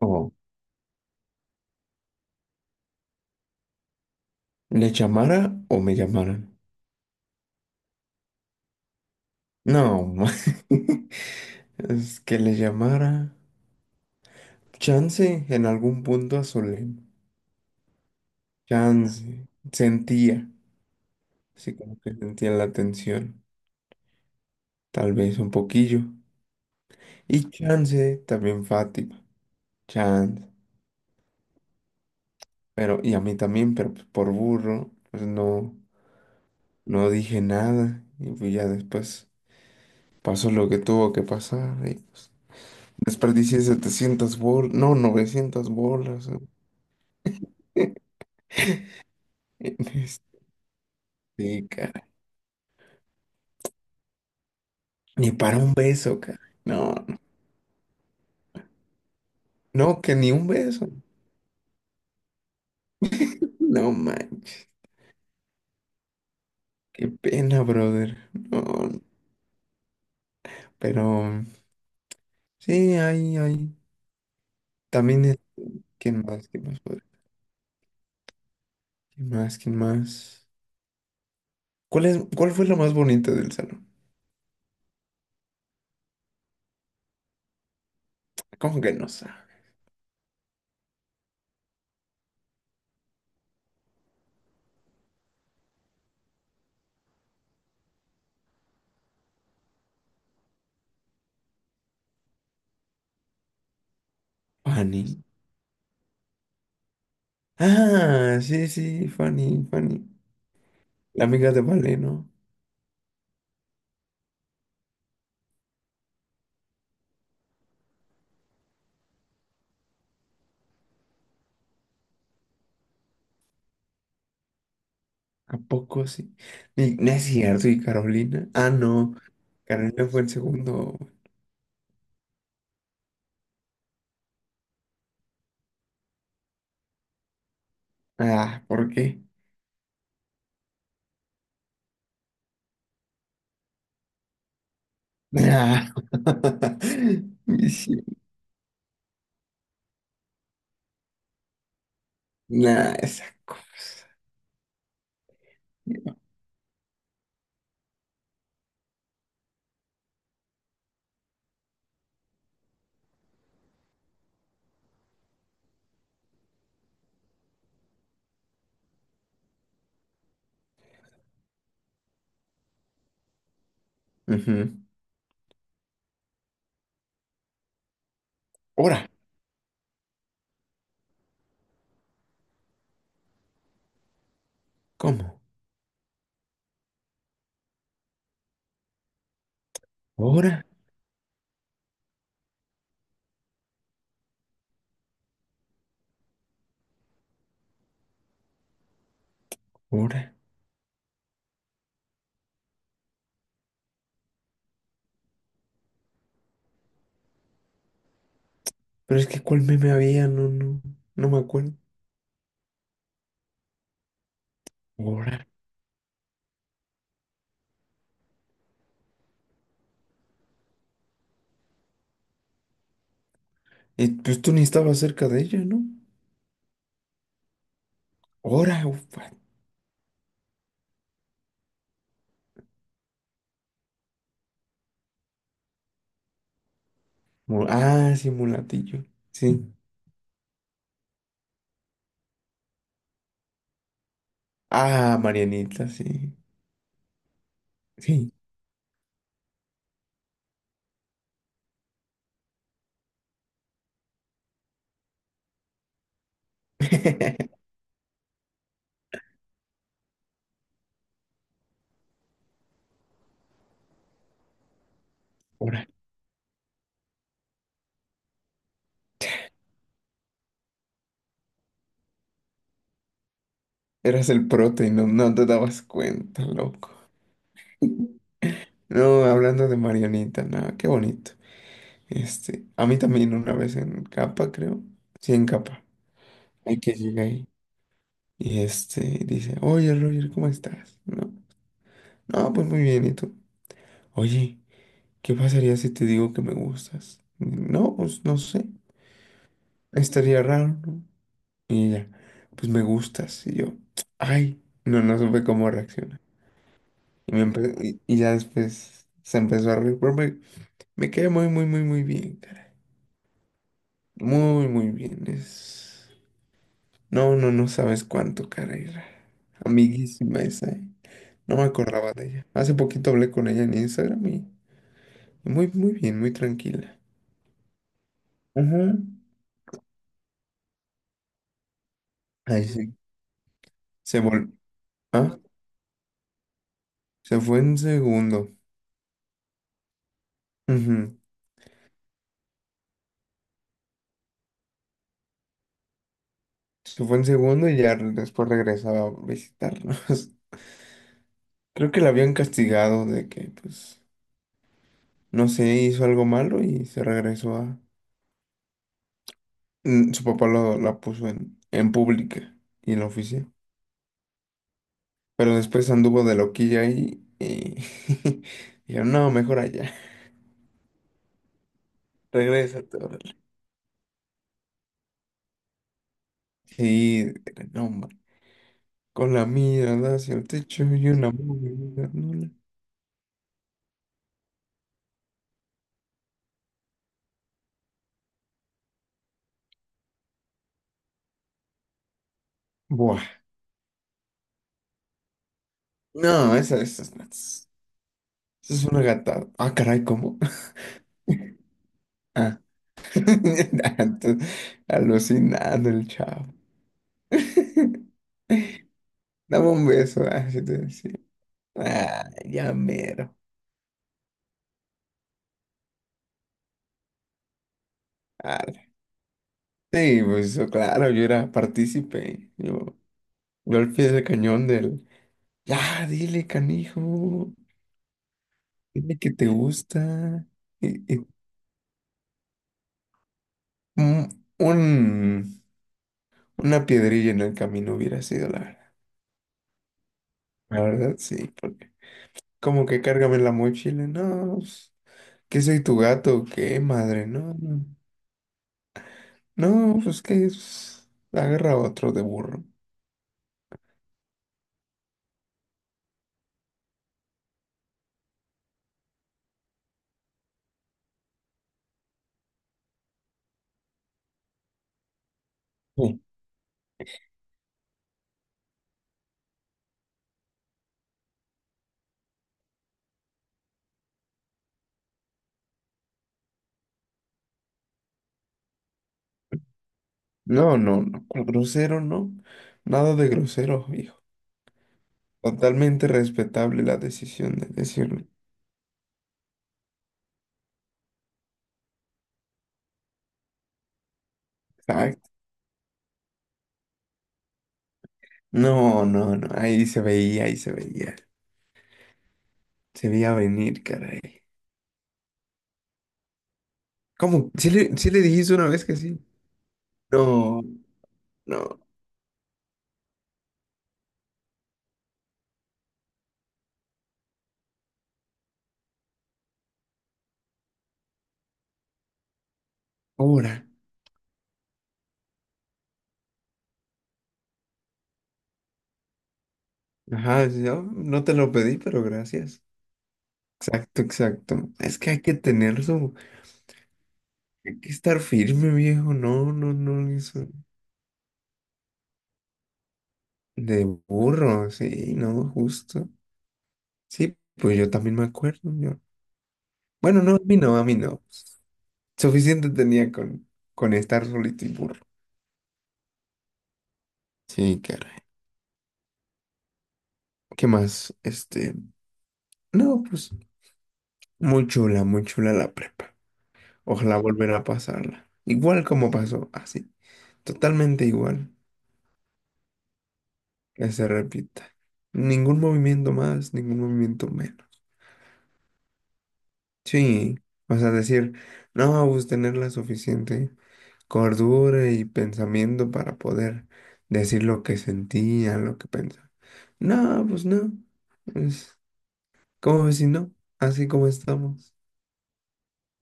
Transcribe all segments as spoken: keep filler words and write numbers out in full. O le llamara o me llamaran. No, ma- es que le llamara. Chance en algún punto a Solem. Chance. Sentía. Así como que sentía la tensión. Tal vez un poquillo. Y chance también Fátima. Chance. Pero, y a mí también, pero pues por burro, pues no, no dije nada. Y pues ya después pasó lo que tuvo que pasar. Y pues desperdicié setecientas bolas. No, novecientas bolas. Sí, cara. Ni para un beso, cara. No, no, no, que ni un beso. No manches. Qué pena, brother. No, no. Pero sí, hay, hay. También es. ¿Quién más? ¿Quién más, brother? ¿Quién más? ¿Quién más? ¿Cuál es, cuál fue lo más bonito del salón? ¿Cómo que no sabe? Fanny. Ah, sí, sí, Fanny, Fanny. La amiga de Vale, ¿no? ¿A poco sí? Ni- No es cierto, ¿y Carolina? Ah, no. Carolina fue el segundo. Ah, ¿por qué? Ah, sí. Nah, esa cosa. Ujú. Ora, ¿cómo? Ora, ora. Pero es que ¿cuál meme había? No, no, no me acuerdo. Ora. Eh, pues tú ni estabas cerca de ella, ¿no? Ora, ufa. Mu- Ah, sí, mulatillo. Sí. Ah, Marianita, sí. Sí. Ora. Eras el prota y no, no te dabas cuenta, loco. No, hablando de Marianita, nada. Qué bonito. Este, a mí también una vez en Capa, creo. Sí, en Capa. Hay que llega ahí. Y este dice, oye Roger, ¿cómo estás? No, no, pues muy bien, ¿y tú? Oye, ¿qué pasaría si te digo que me gustas? No, pues no sé. Estaría raro, ¿no? Y ella, pues me gustas. Y yo, ay, no, no supe cómo reaccionar. Y, me empe- y, y ya después se empezó a reír, pero me, me quedé muy, muy, muy, muy bien, caray. Muy, muy bien. Es. No, no, no sabes cuánto, caray. Amiguísima esa, ¿eh? No me acordaba de ella. Hace poquito hablé con ella en Instagram y muy, muy bien, muy tranquila. Ajá. Ay, sí. Se vol... Ah, se fue en segundo. Ujú. Se fue en segundo y ya re- después regresaba a visitarnos. Creo que la habían castigado de que, pues, no sé, hizo algo malo y se regresó a... Mm, Su papá lo, la puso en, en pública y en la oficina. Pero después anduvo de loquilla ahí y dijeron, no, mejor allá, regrésate, órale. Sí, no, hombre. Con la mirada hacia el techo y una movida nula. Buah. No, esa, esa, es esa es una gatada. Ah, caray, ¿cómo? Ah, entonces, alucinando el chavo. Dame un beso, así te decía. Ah, ya mero. Ah, sí, pues claro, yo era partícipe. Yo Yo al pie del cañón del, ya, dile, canijo, dile que te gusta. Y, y un, un- una piedrilla en el camino hubiera sido la verdad. La verdad, sí, porque como que cárgame la mochila, no, pues, ¿qué soy tu gato? O ¿qué madre? No, no, no, pues que es, agarra otro de burro. Sí. No, no, no, ¿cuál grosero? No, nada de grosero, hijo. Totalmente respetable la decisión de decirle. No, no, no, ahí se veía, ahí se veía. Se veía venir, caray. ¿Cómo? ¿Sí le, sí le dijiste una vez que sí? No, no, ahora. Ajá, sí, yo no te lo pedí, pero gracias. Exacto, exacto. Es que hay que tener su... Hay que estar firme, viejo. No, no, no, eso. De burro, sí, no, justo. Sí, pues yo también me acuerdo, yo. Bueno, no, a mí no, a mí no. Suficiente tenía con, con estar solito y burro. Sí, caray. ¿Qué más? Este, no, pues muy chula, muy chula la prepa. Ojalá volver a pasarla. Igual como pasó, así. Totalmente igual. Que se repita. Ningún movimiento más, ningún movimiento menos. Sí, o sea, decir, no, pues tener la suficiente cordura y pensamiento para poder decir lo que sentía, lo que pensaba. No, pues no. Es como si no, así como estamos.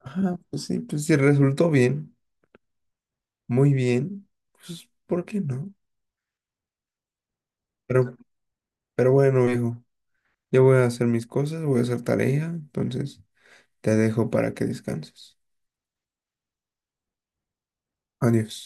Ajá, pues sí, pues sí, resultó bien, muy bien, pues ¿por qué no? Pero, pero bueno, hijo, yo voy a hacer mis cosas, voy a hacer tarea, entonces te dejo para que descanses. Adiós.